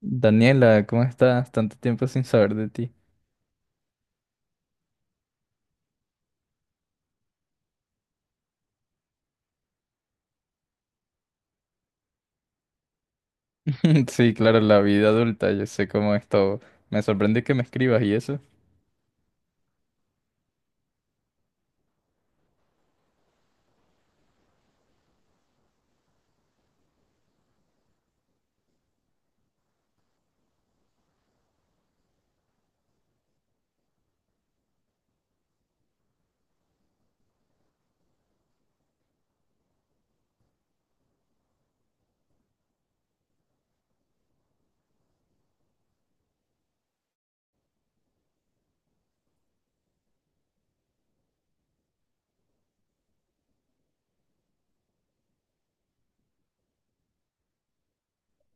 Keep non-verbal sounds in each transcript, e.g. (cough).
Daniela, ¿cómo estás? Tanto tiempo sin saber de ti. (laughs) Sí, claro, la vida adulta, yo sé cómo es todo. Me sorprende que me escribas y eso.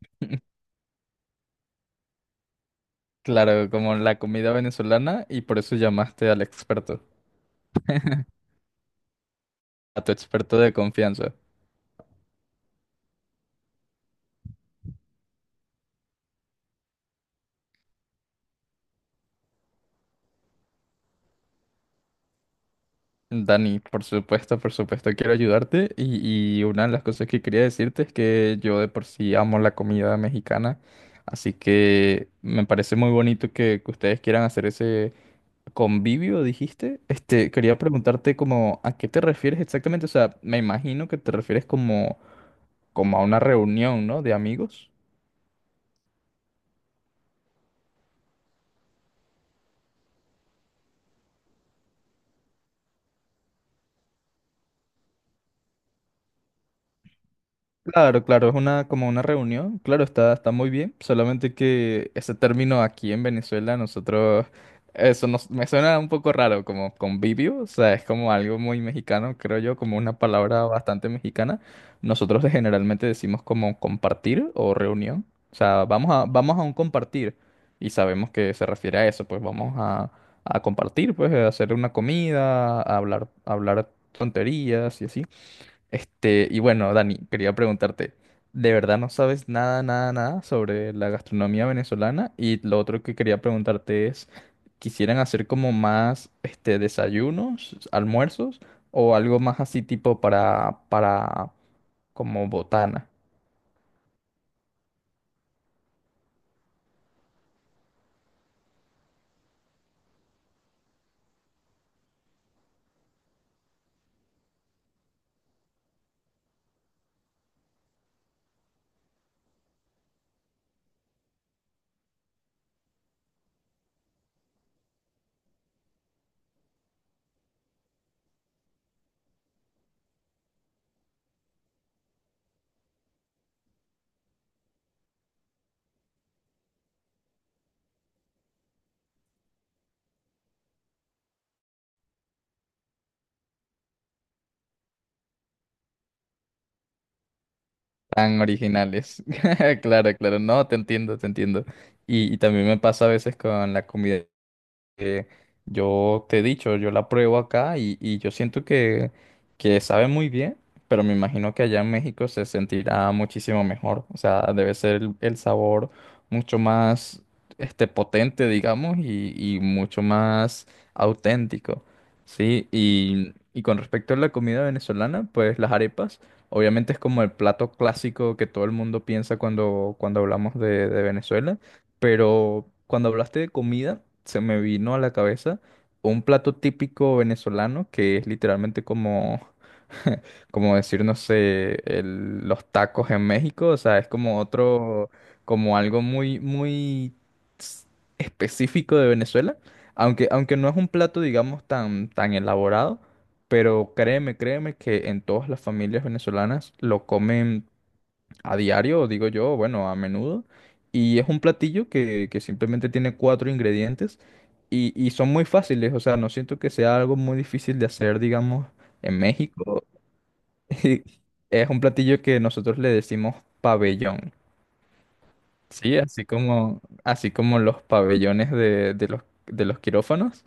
(laughs) Claro, como la comida venezolana y por eso llamaste al experto, (laughs) a tu experto de confianza. Dani, por supuesto, quiero ayudarte y una de las cosas que quería decirte es que yo de por sí amo la comida mexicana, así que me parece muy bonito que ustedes quieran hacer ese convivio, dijiste. Quería preguntarte como a qué te refieres exactamente. O sea, me imagino que te refieres como, como a una reunión, ¿no? De amigos. Claro, claro, es una como una reunión, claro, está, está muy bien, solamente que ese término aquí en Venezuela nosotros, eso nos, me suena un poco raro, como convivio, o sea, es como algo muy mexicano, creo yo, como una palabra bastante mexicana. Nosotros generalmente decimos como compartir o reunión, o sea, vamos a, vamos a un compartir y sabemos que se refiere a eso, pues vamos a compartir, pues a hacer una comida, a hablar tonterías y así. Y bueno, Dani, quería preguntarte, ¿de verdad no sabes nada, nada, nada sobre la gastronomía venezolana? Y lo otro que quería preguntarte es, ¿quisieran hacer como más, desayunos, almuerzos o algo más así tipo para, como botana? Tan originales. (laughs) Claro, claro, no, te entiendo, te entiendo. Y también me pasa a veces con la comida. Que yo te he dicho, yo la pruebo acá y yo siento que sabe muy bien, pero me imagino que allá en México se sentirá muchísimo mejor. O sea, debe ser el sabor mucho más potente, digamos, y mucho más auténtico. Sí, y con respecto a la comida venezolana, pues las arepas, obviamente es como el plato clásico que todo el mundo piensa cuando, cuando hablamos de Venezuela. Pero cuando hablaste de comida, se me vino a la cabeza un plato típico venezolano que es literalmente como, como decir, no sé, los tacos en México. O sea, es como otro, como algo muy, muy s- específico de Venezuela. Aunque, aunque no es un plato, digamos, tan, tan elaborado. Pero créeme, créeme que en todas las familias venezolanas lo comen a diario, digo yo, bueno, a menudo. Y es un platillo que simplemente tiene cuatro ingredientes y son muy fáciles, o sea, no siento que sea algo muy difícil de hacer, digamos, en México. (laughs) Y es un platillo que nosotros le decimos pabellón, ¿sí? Así como los pabellones de los quirófanos.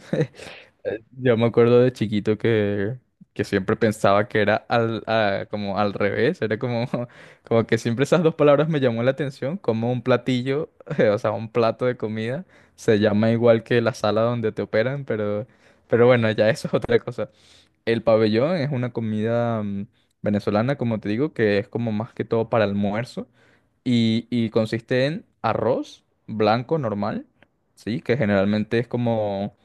Yo me acuerdo de chiquito que siempre pensaba que era como al revés, era como, (laughs) como que siempre esas dos palabras me llamó la atención, como un platillo, (laughs) o sea, un plato de comida, se llama igual que la sala donde te operan, pero bueno, ya eso es otra cosa. El pabellón es una comida venezolana, como te digo, que es como más que todo para almuerzo y consiste en arroz blanco normal, ¿sí? Que generalmente es como...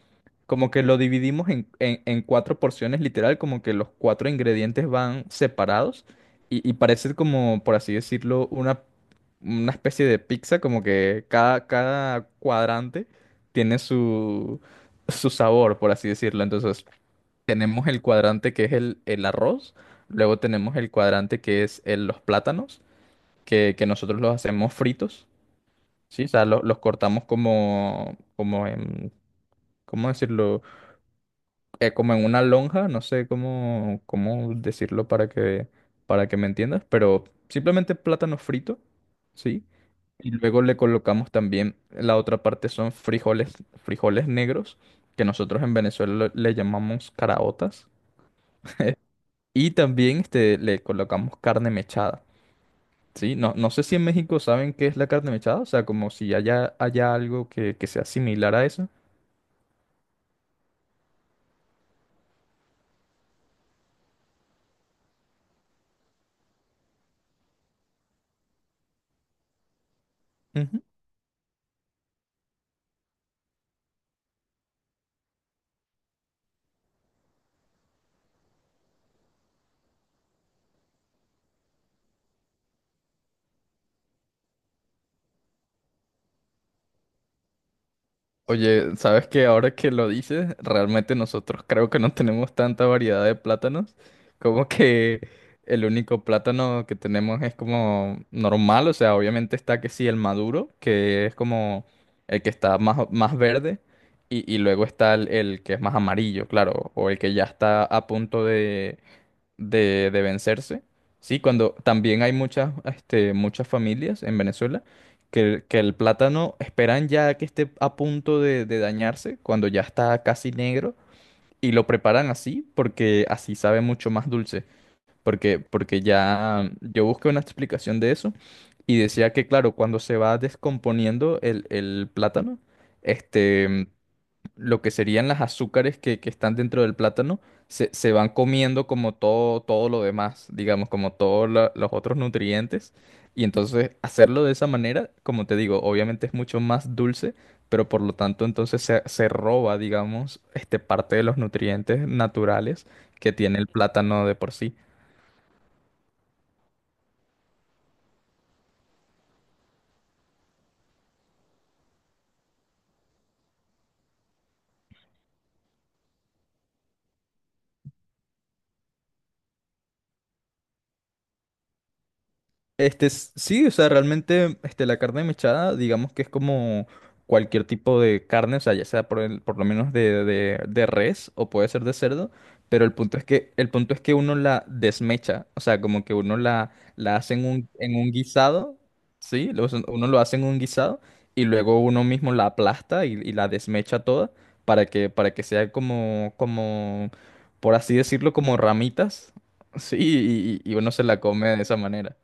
Como que lo dividimos en, en cuatro porciones, literal, como que los cuatro ingredientes van separados y parece como, por así decirlo, una especie de pizza, como que cada, cada cuadrante tiene su, su sabor, por así decirlo. Entonces, tenemos el cuadrante que es el arroz, luego tenemos el cuadrante que es los plátanos, que nosotros los hacemos fritos, ¿sí? O sea, los cortamos como, como en, ¿cómo decirlo? Como en una lonja, no sé cómo, cómo decirlo para que me entiendas, pero simplemente plátano frito, ¿sí? Y luego le colocamos también, la otra parte son frijoles, frijoles negros, que nosotros en Venezuela le llamamos caraotas. (laughs) Y también le colocamos carne mechada, ¿sí? No, no sé si en México saben qué es la carne mechada, o sea, como si haya, haya algo que sea similar a eso. Oye, ¿sabes qué? Ahora que lo dices, realmente nosotros creo que no tenemos tanta variedad de plátanos. Como que el único plátano que tenemos es como normal, o sea, obviamente está que sí el maduro, que es como el que está más, más verde, y luego está el que es más amarillo, claro, o el que ya está a punto de vencerse. Sí, cuando también hay muchas, muchas familias en Venezuela que el plátano esperan ya que esté a punto de dañarse, cuando ya está casi negro, y lo preparan así porque así sabe mucho más dulce. Porque, porque ya yo busqué una explicación de eso y decía que, claro, cuando se va descomponiendo el plátano, este, lo que serían las azúcares que están dentro del plátano se, se van comiendo como todo, todo lo demás, digamos, como todos los otros nutrientes. Y entonces hacerlo de esa manera, como te digo, obviamente es mucho más dulce, pero por lo tanto entonces se roba, digamos, parte de los nutrientes naturales que tiene el plátano de por sí. Sí, o sea, realmente la carne mechada, digamos que es como cualquier tipo de carne, o sea, ya sea por, por lo menos de, de res o puede ser de cerdo, pero el punto es que, el punto es que uno la desmecha, o sea, como que uno la, la hace en un guisado, ¿sí? Lo hacen, uno lo hace en un guisado y luego uno mismo la aplasta y la desmecha toda para que sea como, como, por así decirlo, como ramitas, (laughs) ¿sí? Y uno se la come de esa manera.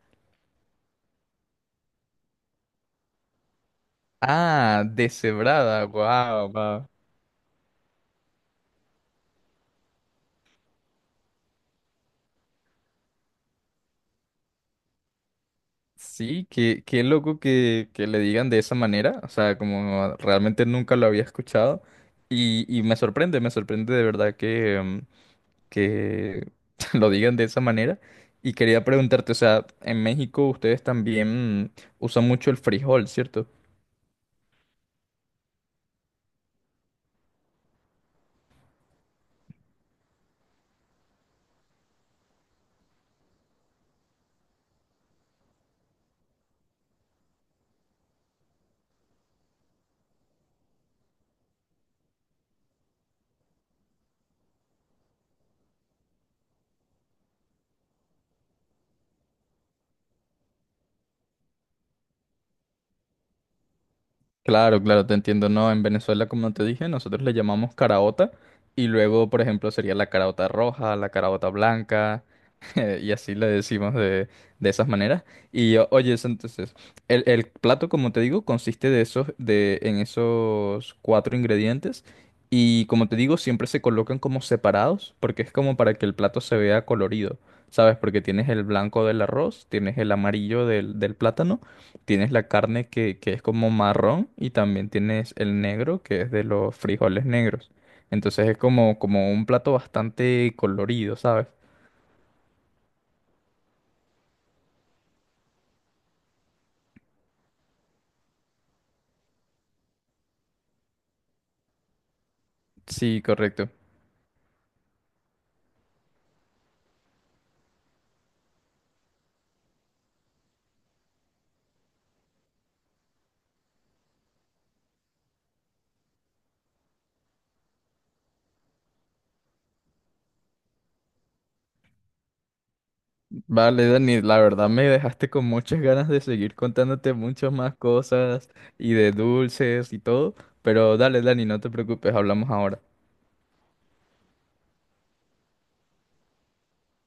Ah, deshebrada, wow, wow. Sí, qué, qué loco que le digan de esa manera, o sea, como realmente nunca lo había escuchado y me sorprende de verdad que, que (laughs) lo digan de esa manera. Y quería preguntarte, o sea, en México ustedes también usan mucho el frijol, ¿cierto? Claro, claro, te entiendo. No, en Venezuela, como te dije, nosotros le llamamos caraota y luego, por ejemplo, sería la caraota roja, la caraota blanca (laughs) y así le decimos de esas maneras. Y oye, es entonces, el plato, como te digo, consiste de esos, de, en esos cuatro ingredientes como te digo, siempre se colocan como separados porque es como para que el plato se vea colorido, ¿sabes? Porque tienes el blanco del arroz, tienes el amarillo del del plátano. Tienes la carne que es como marrón y también tienes el negro que es de los frijoles negros. Entonces es como, como un plato bastante colorido, ¿sabes? Sí, correcto. Vale, Dani, la verdad me dejaste con muchas ganas de seguir contándote muchas más cosas y de dulces y todo, pero dale, Dani, no te preocupes, hablamos ahora.